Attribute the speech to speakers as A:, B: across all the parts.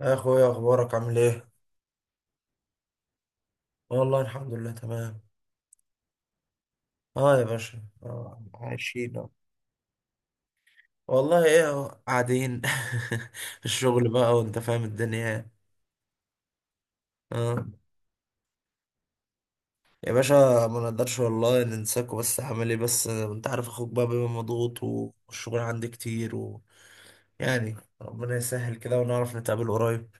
A: يا اخويا اخبارك عامل ايه؟ والله الحمد لله تمام. اه يا باشا عايشين أهو. والله ايه اهو قاعدين في الشغل بقى وانت فاهم الدنيا يعني. اه يا باشا، ما نقدرش والله ننساكوا، بس عامل ايه؟ بس انت عارف، اخوك بقى بيبقى مضغوط والشغل عندي كتير يعني ربنا يسهل كده ونعرف نتقابل قريب.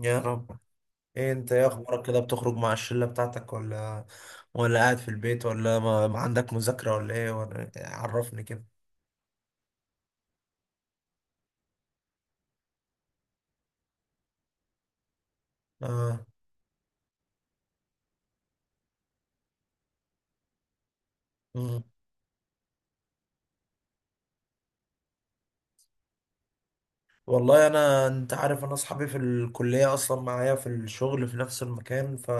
A: يا رب. ايه انت، ايه اخبارك كده؟ بتخرج مع الشلة بتاعتك ولا قاعد في البيت، ولا ما عندك مذاكرة، ولا ايه ولا إيه؟ عرفني كده. اه. مم. والله انا، انت عارف، انا اصحابي في الكليه اصلا معايا في الشغل في نفس المكان، ف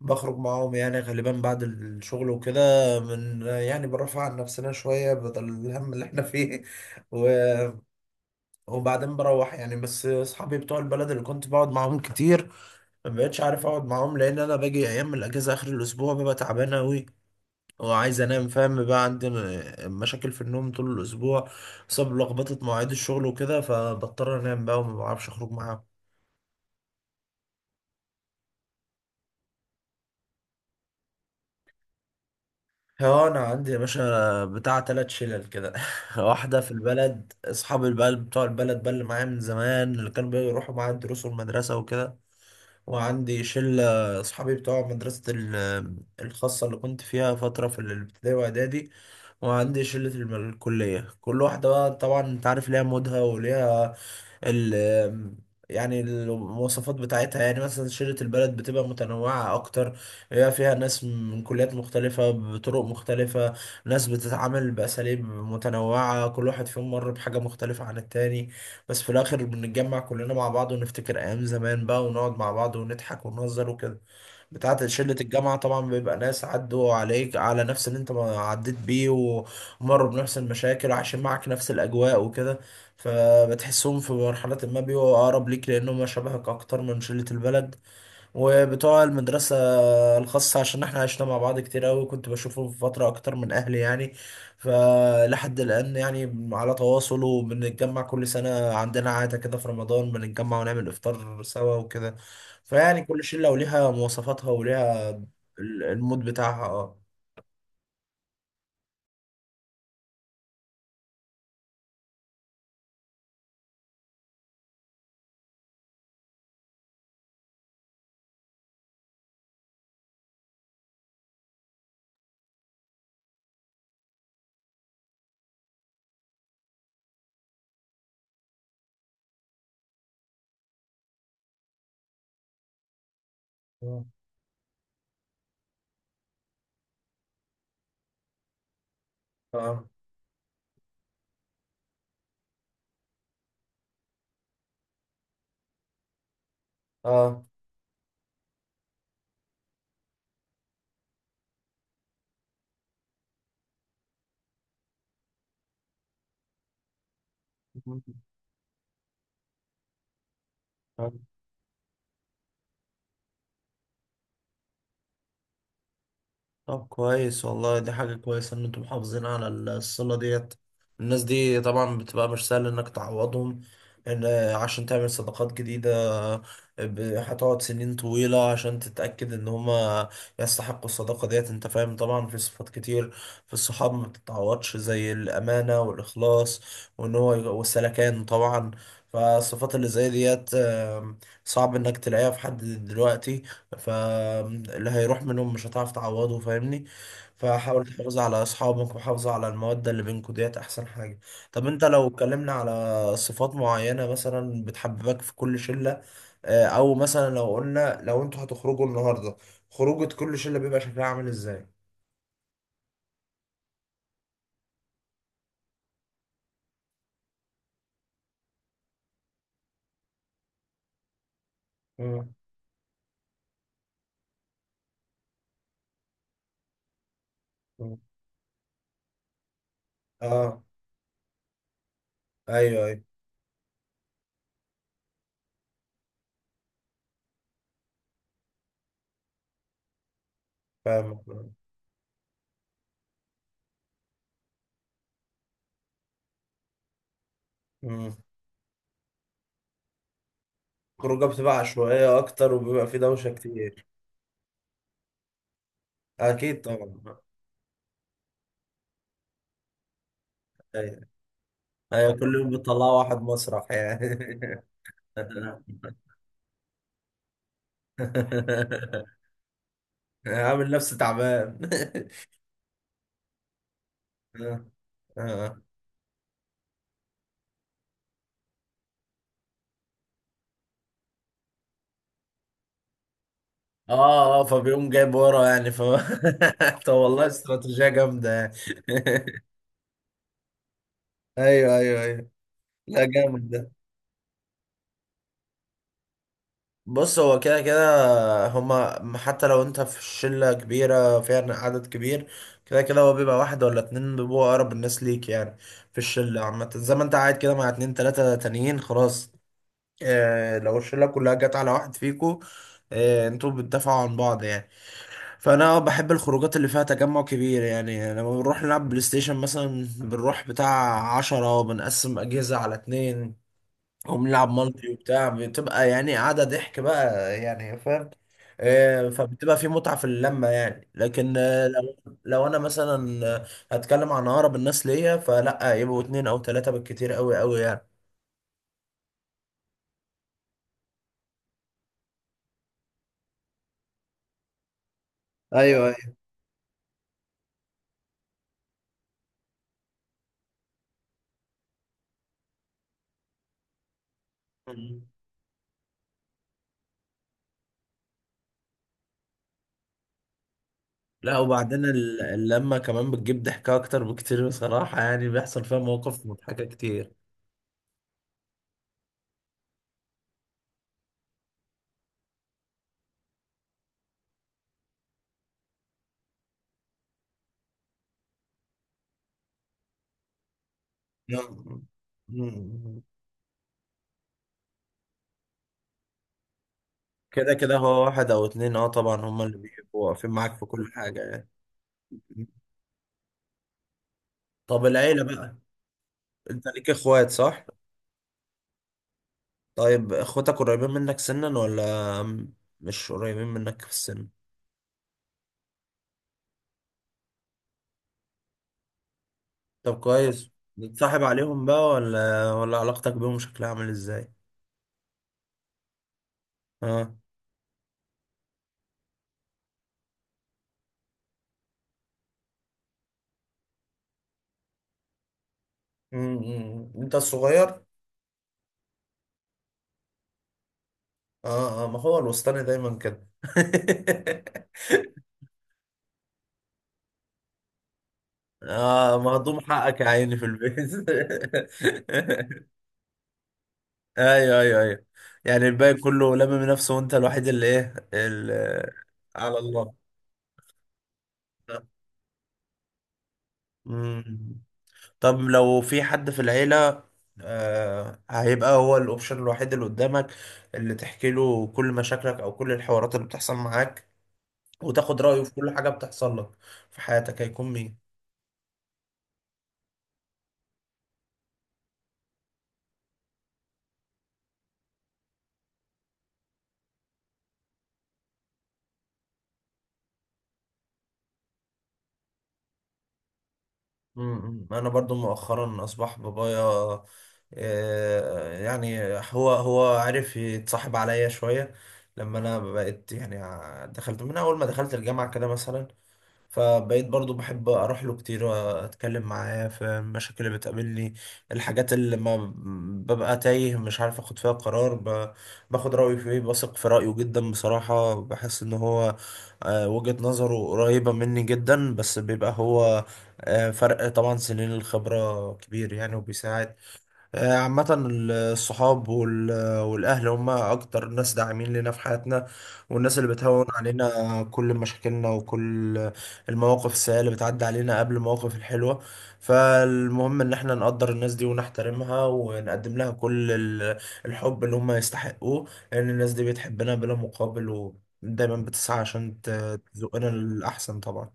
A: بخرج معاهم يعني غالبا بعد الشغل وكده، من يعني برفع عن نفسنا شويه بدل الهم اللي احنا فيه و... وبعدين بروح، يعني بس اصحابي بتوع البلد اللي كنت بقعد معاهم كتير ما بقتش عارف اقعد معاهم، لان انا باجي ايام من الاجازه اخر الاسبوع ببقى تعبان قوي وعايز انام، فاهم بقى؟ عندنا مشاكل في النوم طول الاسبوع بسبب لخبطه مواعيد الشغل وكده، فبضطر انام بقى وما بعرفش اخرج معاهم. اه انا عندي يا باشا بتاع تلات شلل كده واحده في البلد، اصحاب البلد بتوع البلد بقى اللي معايا من زمان، اللي كانوا بيروحوا معايا الدروس والمدرسه وكده. وعندي شله اصحابي بتوع مدرسه الخاصه اللي كنت فيها فتره في الابتدائي واعدادي. وعندي شلة الكلية. كل واحدة بقى طبعا انت عارف ليها مودها وليها ال يعني المواصفات بتاعتها. يعني مثلا شيرة البلد بتبقى متنوعة أكتر، بيبقى فيها ناس من كليات مختلفة بطرق مختلفة، ناس بتتعامل بأساليب متنوعة، كل واحد فيهم مر بحاجة مختلفة عن التاني، بس في الآخر بنتجمع كلنا مع بعض ونفتكر أيام زمان بقى ونقعد مع بعض ونضحك ونهزر وكده. بتاعة شلة الجامعة طبعا بيبقى ناس عدوا عليك على نفس اللي انت ما عديت بيه، ومروا بنفس المشاكل وعايشين معاك نفس الأجواء وكده، فبتحسهم في مرحلة ما بيبقوا أقرب ليك، لأنهم شبهك أكتر من شلة البلد وبتوع المدرسة الخاصة، عشان احنا عشنا مع بعض كتير قوي، كنت بشوفه في فترة اكتر من اهلي يعني. فلحد الان يعني على تواصل، وبنتجمع كل سنة، عندنا عادة كده في رمضان بنتجمع ونعمل افطار سوا وكده. فيعني كل شلة وليها مواصفاتها وليها المود بتاعها. اه. آه. اه اه. طب كويس والله، دي حاجة كويسة إن أنتم محافظين على الصلة ديت. الناس دي طبعا بتبقى مش سهل إنك تعوضهم. إن عشان تعمل صداقات جديدة هتقعد سنين طويلة عشان تتأكد إن هما يستحقوا الصداقة ديت. أنت فاهم طبعا في صفات كتير في الصحاب ما بتتعوضش، زي الأمانة والإخلاص والسلكان طبعا. فالصفات اللي زي ديت صعب إنك تلاقيها في حد دلوقتي، فاللي هيروح منهم مش هتعرف تعوضه، فاهمني؟ فحاول تحافظ على اصحابك وحافظ على المودة اللي بينكوا ديت، احسن حاجة. طب انت لو اتكلمنا على صفات معينة مثلا بتحببك في كل شلة، او مثلا لو قلنا لو انتوا هتخرجوا النهاردة، خروجة كل شلة بيبقى شكلها عامل ازاي؟ مم. مم. اه. ايوه ايوه فاهمك. امم الخروجه بتبقى عشوائيه اكتر وبيبقى في دوشه كتير. اكيد طبعا. ايوه ايوه، كل يوم بتطلعوا واحد مسرح يعني عامل نفسه تعبان اه اه. اه فبيقوم جايب ورا يعني ف طب والله استراتيجية جامدة يعني ايوه ايوه ايوه. لا جامد ده. بص هو كده كده هما، حتى لو انت في شلة كبيرة فيها عدد كبير، كده كده هو بيبقى واحد ولا اتنين بيبقوا اقرب الناس ليك يعني في الشلة عامة، زي ما انت قاعد كده مع اتنين تلاتة تانيين خلاص. لو الشلة كلها جت على واحد فيكو، انتوا بتدافعوا عن بعض يعني. فانا بحب الخروجات اللي فيها تجمع كبير يعني، يعني لما بنروح نلعب بلاي ستيشن مثلا بنروح بتاع عشرة وبنقسم اجهزة على اتنين وبنلعب مالتي وبتاع، بتبقى يعني قاعدة ضحك بقى يعني، فاهم؟ فبتبقى في متعة في اللمة يعني. لكن لو انا مثلا هتكلم عن اقرب الناس ليا، فلا، يبقوا اتنين او تلاتة بالكتير قوي قوي يعني. ايوه ايوه. لا وبعدين اللمة كمان بتجيب ضحكة أكتر بكتير بصراحة، يعني بيحصل فيها مواقف مضحكة كتير. نعم. مم. كده كده هو واحد أو اتنين، اه طبعا هما اللي بيبقوا واقفين معاك في كل حاجة يعني. مم. طب العيلة بقى، أنت ليك إخوات صح؟ طيب إخواتك قريبين منك سنا مش قريبين منك في السن؟ طب كويس. بتصاحب عليهم بقى ولا علاقتك بيهم شكلها عامل إزاي؟ اه. مم. أنت الصغير؟ اه اه، ما هو الوسطاني دايما كده اه مهضوم حقك يا عيني في البيت ايوه ايوه ايوه، يعني الباقي كله لمم نفسه وانت الوحيد اللي ايه اللي على الله. مم. طب لو في حد في العيلة هيبقى هو الاوبشن الوحيد اللي قدامك، اللي تحكي له كل مشاكلك او كل الحوارات اللي بتحصل معاك وتاخد رأيه في كل حاجة بتحصل لك في حياتك، هيكون مين؟ انا برضو مؤخرا اصبح بابايا، آه، يعني هو عارف يتصاحب عليا شوية، لما انا بقيت يعني دخلت من اول ما دخلت الجامعة كده مثلا، فبقيت برضو بحب اروح له كتير واتكلم معاه في المشاكل اللي بتقابلني، الحاجات اللي ما ببقى تايه مش عارف اخد فيها قرار، باخد رأيه فيه، بثق في رأيه جدا بصراحة، بحس ان هو وجهة نظره قريبة مني جدا، بس بيبقى هو فرق طبعا سنين الخبرة كبير يعني وبيساعد. عامة الصحاب والأهل هم أكتر ناس داعمين لنا في حياتنا، والناس اللي بتهون علينا كل مشاكلنا وكل المواقف السيئة اللي بتعدي علينا قبل المواقف الحلوة. فالمهم إن احنا نقدر الناس دي ونحترمها ونقدم لها كل الحب اللي هم يستحقوه، لأن الناس دي بتحبنا بلا مقابل ودايما بتسعى عشان تزقنا للأحسن طبعا.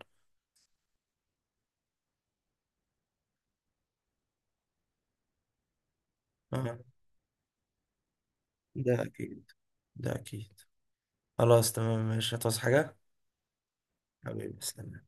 A: آه، ده أكيد، ده أكيد. خلاص تمام ماشي، هتعوز حاجة؟ حبيبي سلام.